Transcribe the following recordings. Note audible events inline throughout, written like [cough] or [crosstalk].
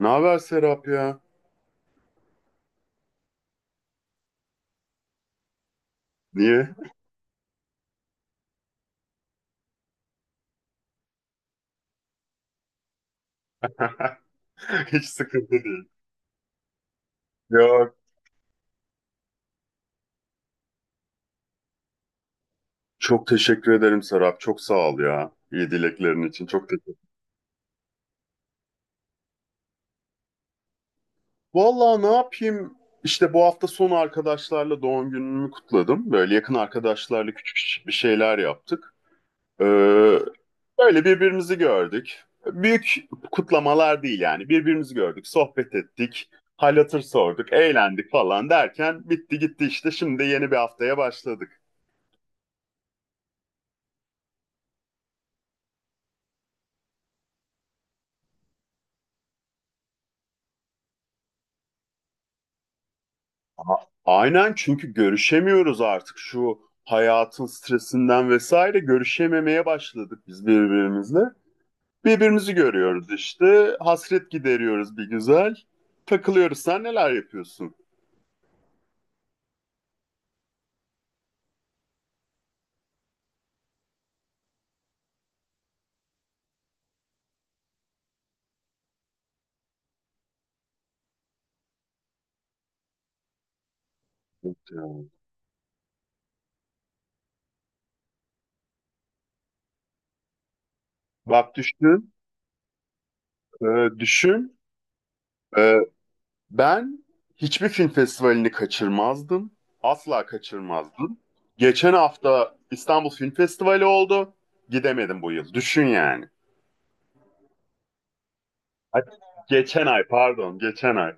Ne haber Serap ya? Niye? [laughs] Hiç sıkıntı değil. Ya, çok teşekkür ederim Serap. Çok sağ ol ya. İyi dileklerin için. Çok teşekkür. Vallahi ne yapayım? İşte bu hafta sonu arkadaşlarla doğum günümü kutladım. Böyle yakın arkadaşlarla küçük bir şeyler yaptık. Ee, böyle birbirimizi gördük. Büyük kutlamalar değil yani. Birbirimizi gördük, sohbet ettik, hal hatır sorduk, eğlendik falan derken bitti gitti işte. Şimdi de yeni bir haftaya başladık. Aynen, çünkü görüşemiyoruz artık şu hayatın stresinden vesaire, görüşememeye başladık biz birbirimizle. Birbirimizi görüyoruz işte. Hasret gideriyoruz bir güzel. Takılıyoruz. Sen neler yapıyorsun? Yok ya. Bak düşün, e, düşün. E, ben hiçbir film festivalini kaçırmazdım. Asla kaçırmazdım. Geçen hafta İstanbul Film Festivali oldu. Gidemedim bu yıl. Düşün yani. Ay, geçen ay pardon, geçen ay.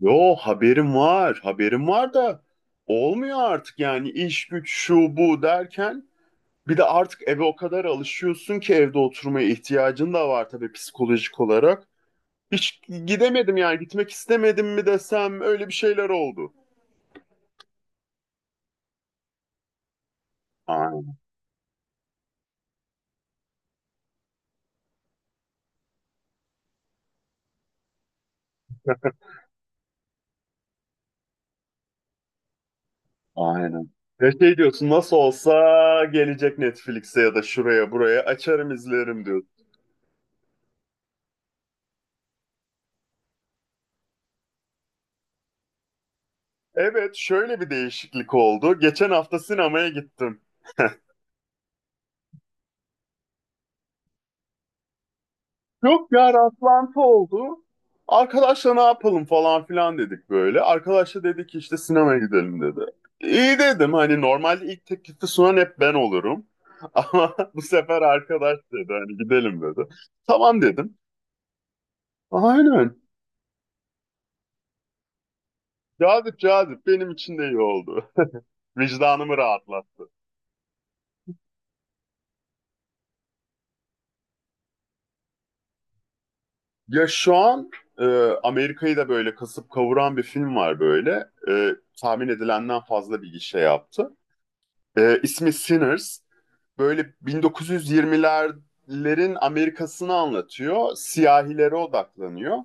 Yo haberim var, haberim var da olmuyor artık yani, iş güç şu bu derken bir de artık eve o kadar alışıyorsun ki evde oturmaya ihtiyacın da var tabii psikolojik olarak. Hiç gidemedim yani, gitmek istemedim mi desem, öyle bir şeyler oldu. Aynen, aynen. Ve şey diyorsun, nasıl olsa gelecek Netflix'e ya da şuraya buraya, açarım izlerim diyorsun. Evet, şöyle bir değişiklik oldu. Geçen hafta sinemaya gittim. Yok ya, rastlantı oldu. Arkadaşla ne yapalım falan filan dedik böyle. Arkadaşla dedik ki işte, sinemaya gidelim dedi. İyi dedim, hani normalde ilk teklifi sunan hep ben olurum. [laughs] Ama bu sefer arkadaş dedi hani, gidelim dedi. Tamam dedim. Aynen. Cazip cazip, benim için de iyi oldu. [laughs] Vicdanımı rahatlattı. Ya şu an e, Amerika'yı da böyle kasıp kavuran bir film var böyle. Tahmin edilenden fazla bir gişe yaptı. İsmi Sinners. Böyle 1920'lerin Amerika'sını anlatıyor. Siyahilere odaklanıyor.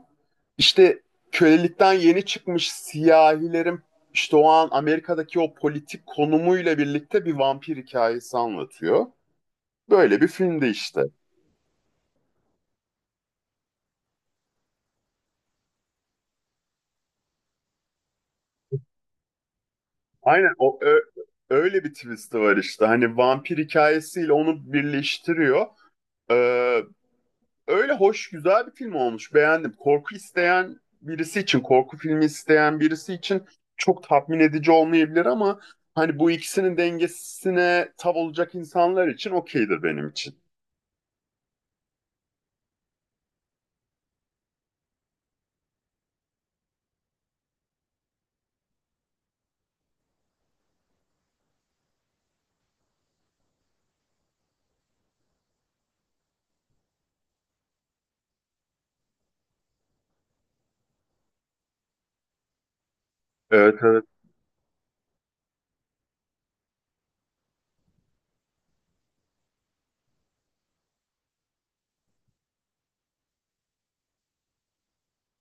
İşte kölelikten yeni çıkmış siyahilerin, işte o an Amerika'daki o politik konumuyla birlikte, bir vampir hikayesi anlatıyor. Böyle bir filmdi işte. Aynen, öyle bir twist'i var işte. Hani vampir hikayesiyle onu birleştiriyor. Ee, Öyle hoş, güzel bir film olmuş. Beğendim. Korku isteyen birisi için, korku filmi isteyen birisi için çok tatmin edici olmayabilir ama hani bu ikisinin dengesine tav olacak insanlar için okeydir benim için. Evet, evet.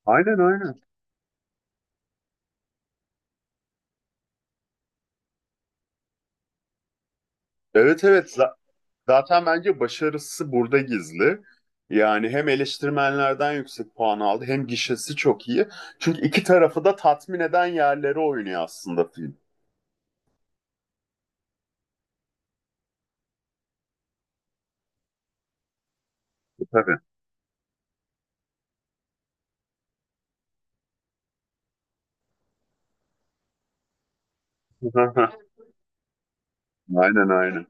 Aynen, aynen. Evet, evet. Zaten bence başarısı burada gizli. Yani hem eleştirmenlerden yüksek puan aldı, hem gişesi çok iyi. Çünkü iki tarafı da tatmin eden yerlere oynuyor aslında film. Tabii. [laughs] Aynen, aynen.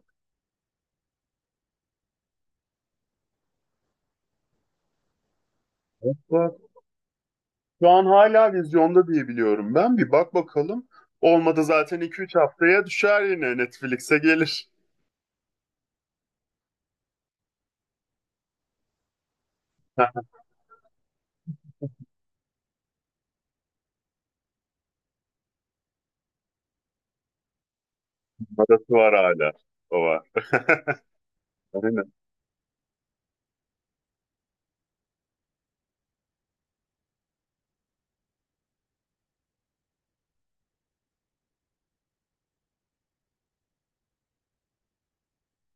Şu an hala vizyonda diye biliyorum ben. Bir bak bakalım. Olmadı zaten iki üç haftaya düşer, yine Netflix'e gelir. [laughs] Parası var hala. O var. [laughs] Aynen.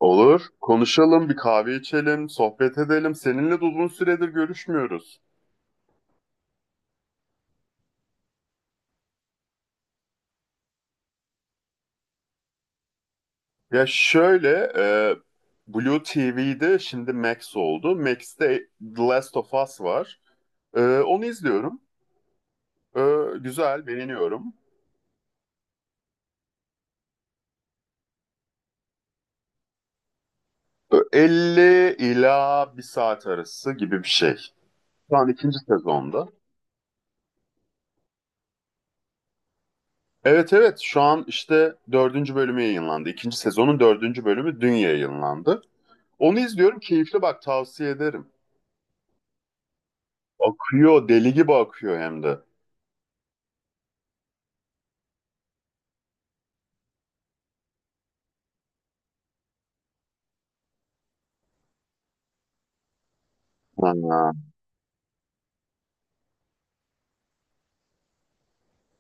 Olur. Konuşalım, bir kahve içelim, sohbet edelim. Seninle de uzun süredir görüşmüyoruz. Ya şöyle, Blue TV'de şimdi Max oldu. Max'te The Last of Us var. Onu izliyorum. E, güzel, beğeniyorum. E, 50 ila bir saat arası gibi bir şey. Şu an ikinci sezonda. Evet evet, şu an işte dördüncü bölümü yayınlandı. İkinci sezonun dördüncü bölümü dün yayınlandı. Onu izliyorum, keyifli, bak tavsiye ederim. Akıyor, deli gibi akıyor hem de. Aa,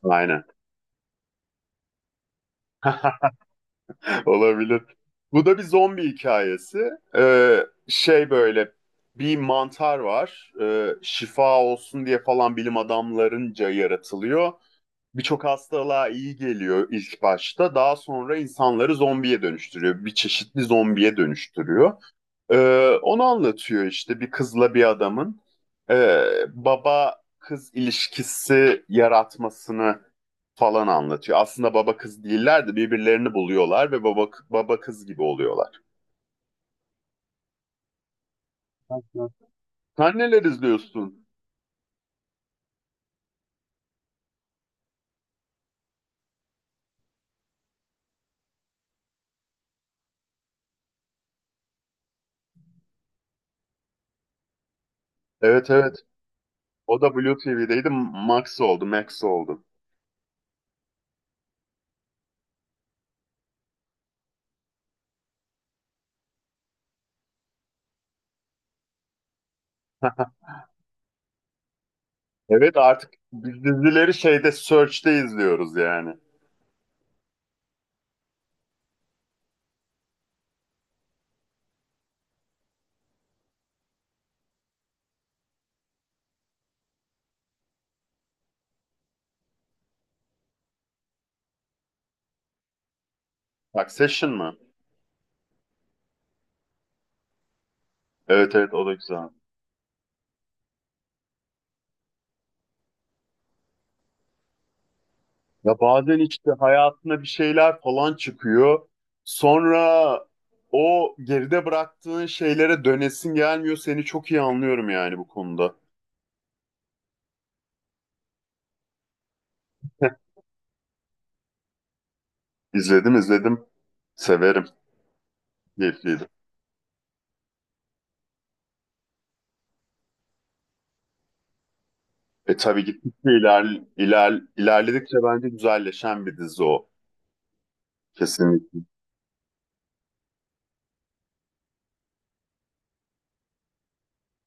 aynen, [laughs] olabilir. Bu da bir zombi hikayesi. Ee, böyle bir mantar var. Şifa olsun diye falan bilim adamlarınca yaratılıyor. Birçok hastalığa iyi geliyor ilk başta. Daha sonra insanları zombiye dönüştürüyor. Bir çeşitli zombiye dönüştürüyor. Onu anlatıyor işte, bir kızla bir adamın e, baba kız ilişkisi yaratmasını falan anlatıyor. Aslında baba kız değiller de birbirlerini buluyorlar ve baba kız gibi oluyorlar. Hı. Sen neler izliyorsun? Evet, evet. O da Blue TV'deydi. Max oldu, Max oldu. Evet artık biz dizileri şeyde, Search'te izliyoruz yani. Succession mı? Evet evet, o da güzel. Ya bazen işte hayatına bir şeyler falan çıkıyor. Sonra o geride bıraktığın şeylere dönesin gelmiyor. Seni çok iyi anlıyorum yani bu konuda. İzledim, izledim. Severim. Keyifliydi. E tabii gittikçe ilerledikçe bence güzelleşen bir dizi o. Kesinlikle.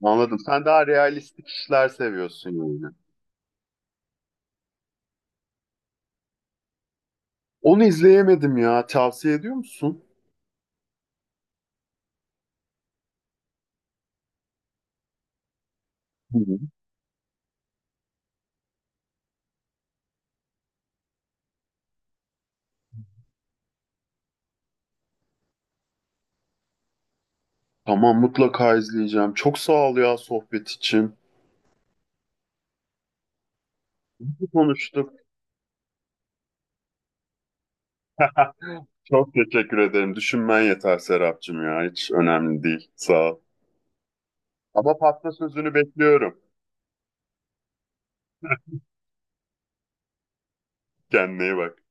Anladım. Sen daha realistik işler seviyorsun yani. Onu izleyemedim ya. Tavsiye ediyor musun? Hı. Tamam, mutlaka izleyeceğim. Çok sağ ol ya, sohbet için. İyi konuştuk. Çok teşekkür ederim. Düşünmen yeter Serapcığım ya. Hiç önemli değil. Sağ ol. Ama patla sözünü bekliyorum. Kendine iyi bak.